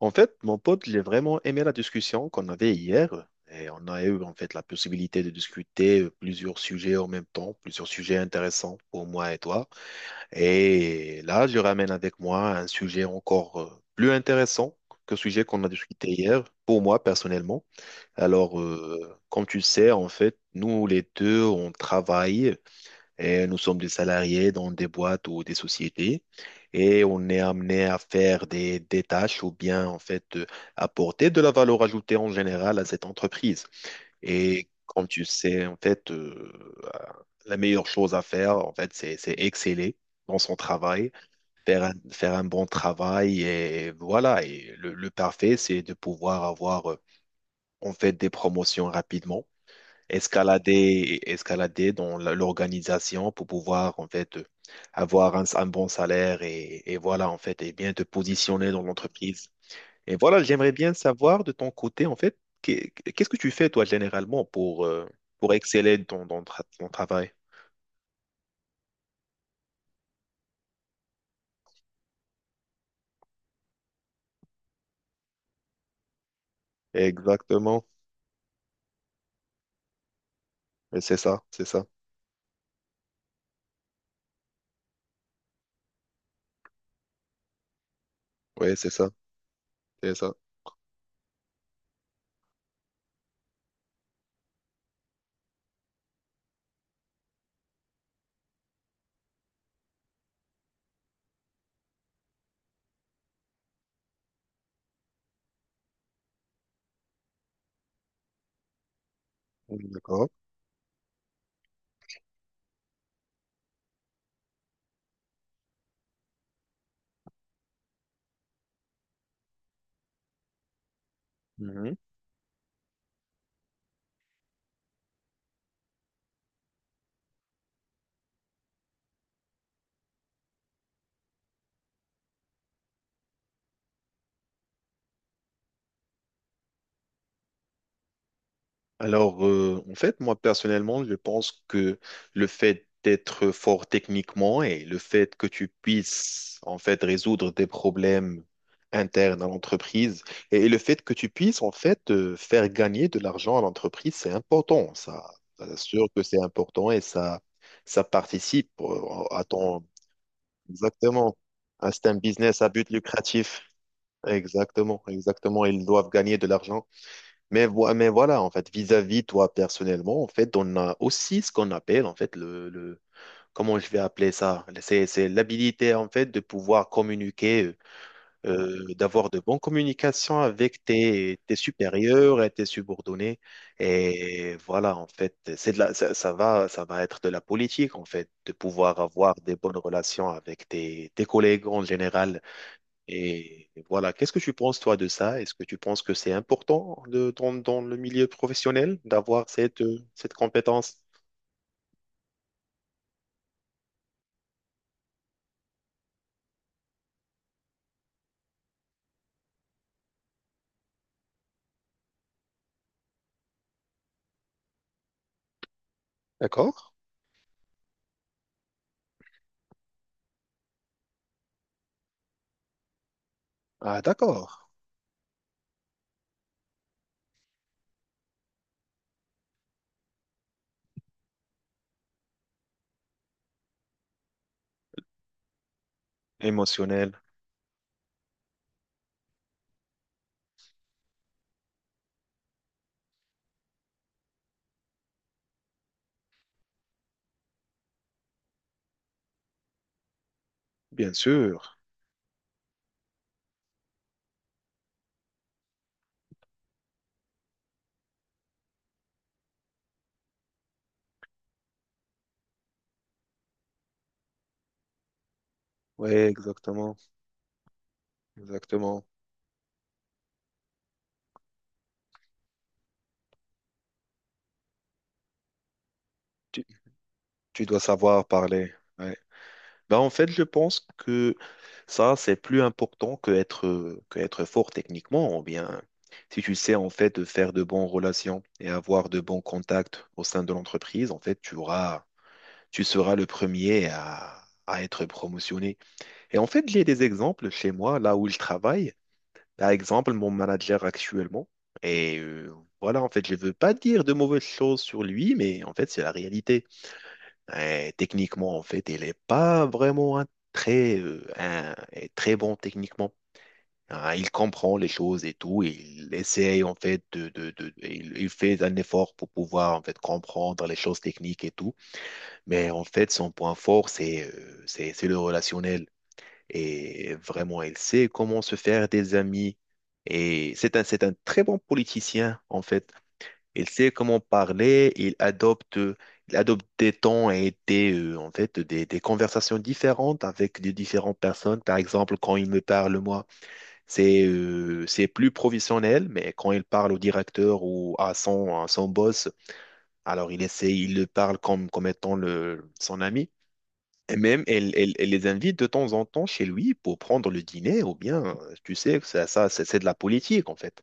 En fait, mon pote, j'ai vraiment aimé la discussion qu'on avait hier. Et on a eu en fait la possibilité de discuter plusieurs sujets en même temps, plusieurs sujets intéressants pour moi et toi. Et là, je ramène avec moi un sujet encore plus intéressant que le sujet qu'on a discuté hier, pour moi personnellement. Alors, comme tu le sais, en fait, nous les deux, on travaille. Et nous sommes des salariés dans des boîtes ou des sociétés et on est amené à faire des tâches ou bien en fait apporter de la valeur ajoutée en général à cette entreprise. Et comme tu sais, la meilleure chose à faire, en fait, c'est exceller dans son travail, faire un bon travail et voilà. Et le parfait, c'est de pouvoir avoir en fait des promotions rapidement escalader dans l'organisation pour pouvoir en fait avoir un bon salaire et voilà en fait et bien te positionner dans l'entreprise. Et voilà, j'aimerais bien savoir de ton côté en fait qu'est-ce que tu fais toi généralement pour exceller dans ton travail? Exactement, et c'est ça, c'est ça. Oui, c'est ça, c'est ça. D'accord. Alors, en fait, moi personnellement, je pense que le fait d'être fort techniquement et le fait que tu puisses en fait résoudre des problèmes internes à l'entreprise et le fait que tu puisses en fait faire gagner de l'argent à l'entreprise, c'est important. Ça sûr que c'est important et ça participe à ton exactement. Ah, c'est un business à but lucratif. Exactement, exactement. Ils doivent gagner de l'argent. Mais, mais voilà, en fait, vis-à-vis toi personnellement, en fait, on a aussi ce qu'on appelle, en fait, comment je vais appeler ça? C'est l'habilité, en fait, de pouvoir communiquer, d'avoir de bonnes communications avec tes supérieurs et tes subordonnés. Et voilà, en fait, c'est de la, ça va être de la politique, en fait, de pouvoir avoir des bonnes relations avec tes collègues en général. Et voilà, qu'est-ce que tu penses, toi, de ça? Est-ce que tu penses que c'est important dans, dans le milieu professionnel d'avoir cette, cette compétence? D'accord? Ah, d'accord. Émotionnel, bien sûr. Oui, exactement. Exactement. Tu, tu dois savoir parler. Ouais. Ben, en fait, je pense que ça, c'est plus important que être fort techniquement, ou bien si tu sais, en fait, faire de bonnes relations et avoir de bons contacts au sein de l'entreprise, en fait, tu seras le premier à être promotionné. Et en fait, j'ai des exemples chez moi, là où je travaille. Par exemple, mon manager actuellement. Et voilà, en fait, je ne veux pas dire de mauvaises choses sur lui, mais en fait, c'est la réalité. Et techniquement, en fait, il n'est pas vraiment un très, euh, un- très bon techniquement. Hein, il comprend les choses et tout. Il essaye, en fait, il fait un effort pour pouvoir, en fait, comprendre les choses techniques et tout. Mais en fait, son point fort, c'est c'est le relationnel. Et vraiment, il sait comment se faire des amis. Et c'est un très bon politicien, en fait. Il sait comment parler, il adopte des tons et des conversations différentes avec des différentes personnes. Par exemple, quand il me parle, moi, c'est plus professionnel, mais quand il parle au directeur ou à son boss, alors il le parle comme, comme étant le, son ami. Et même, elle les invite de temps en temps chez lui pour prendre le dîner, ou bien, tu sais, c'est de la politique, en fait.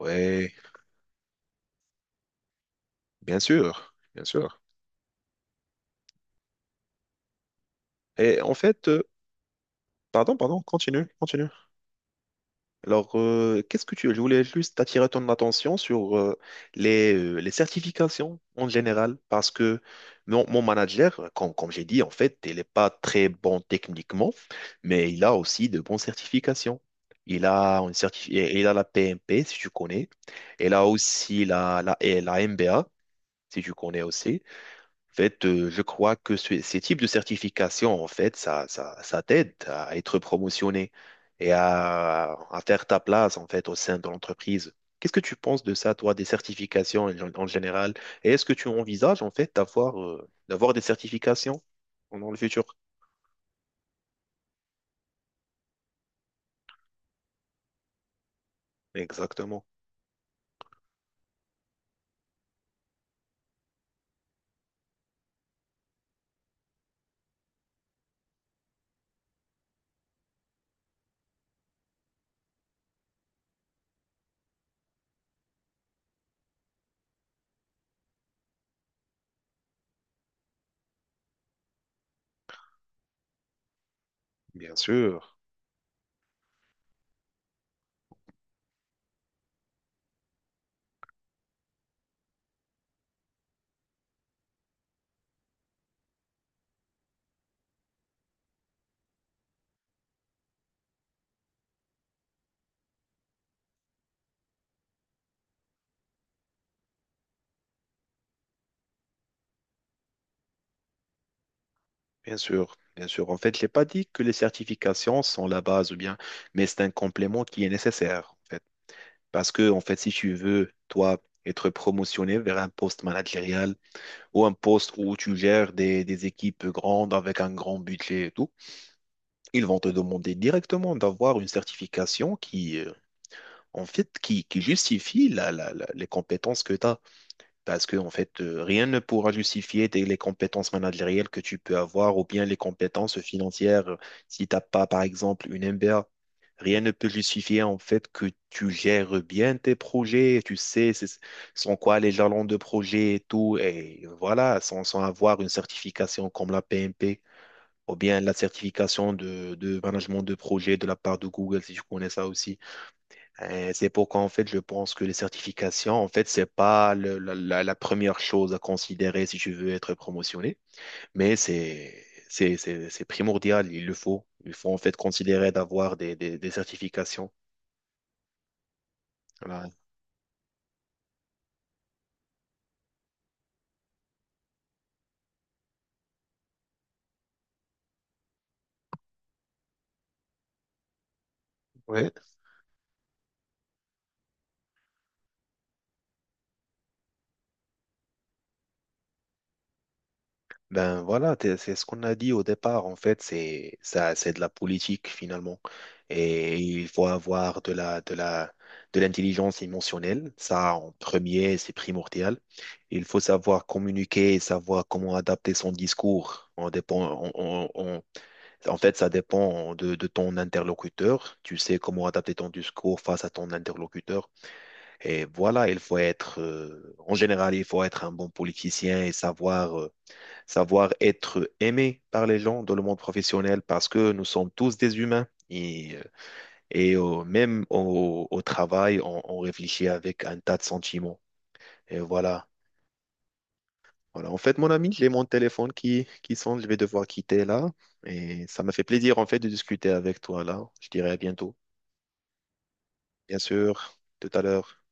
Ouais, bien sûr, bien sûr. Et pardon, pardon, continue, continue. Alors, qu'est-ce que tu... Je voulais juste attirer ton attention sur les certifications en général, parce que mon manager, comme j'ai dit, en fait, il n'est pas très bon techniquement, mais il a aussi de bonnes certifications. Il a, il a la PMP, si tu connais. Il a aussi et la MBA, si tu connais aussi. En fait, je crois que ces types de certifications, en fait, ça t'aide à être promotionné et à faire ta place, en fait, au sein de l'entreprise. Qu'est-ce que tu penses de ça, toi, des certifications en, en général? Et est-ce que tu envisages, en fait, d'avoir des certifications dans le futur? Exactement. Bien sûr, bien sûr, bien sûr. En fait, je n'ai pas dit que les certifications sont la base ou bien, mais c'est un complément qui est nécessaire, en fait. Parce que, en fait, si tu veux, toi, être promotionné vers un poste managérial ou un poste où tu gères des équipes grandes avec un grand budget et tout, ils vont te demander directement d'avoir une certification qui, en fait, qui justifie les compétences que tu as. Parce que, en fait, rien ne pourra justifier les compétences managériales que tu peux avoir ou bien les compétences financières. Si tu n'as pas, par exemple, une MBA, rien ne peut justifier, en fait, que tu gères bien tes projets. Tu sais, sans quoi les jalons de projet et tout. Et voilà, sans avoir une certification comme la PMP ou bien la certification de management de projet de la part de Google, si je connais ça aussi. C'est pourquoi, en fait, je pense que les certifications, en fait, c'est pas la première chose à considérer si tu veux être promotionné, mais c'est primordial, il le faut. Il faut, en fait, considérer d'avoir des certifications. Voilà. Ouais. Ben voilà, c'est ce qu'on a dit au départ, en fait, c'est ça, c'est de la politique finalement. Et il faut avoir de l'intelligence émotionnelle, ça en premier, c'est primordial. Il faut savoir communiquer, savoir comment adapter son discours. On dépend, on- en fait, ça dépend de ton interlocuteur. Tu sais comment adapter ton discours face à ton interlocuteur. Et voilà, il faut être, en général, il faut être un bon politicien et savoir être aimé par les gens dans le monde professionnel parce que nous sommes tous des humains. Même au travail, on réfléchit avec un tas de sentiments. Et voilà. Voilà. En fait, mon ami, j'ai mon téléphone qui sonne. Je vais devoir quitter là. Et ça m'a fait plaisir, en fait, de discuter avec toi là. Je dirai à bientôt. Bien sûr, tout à l'heure.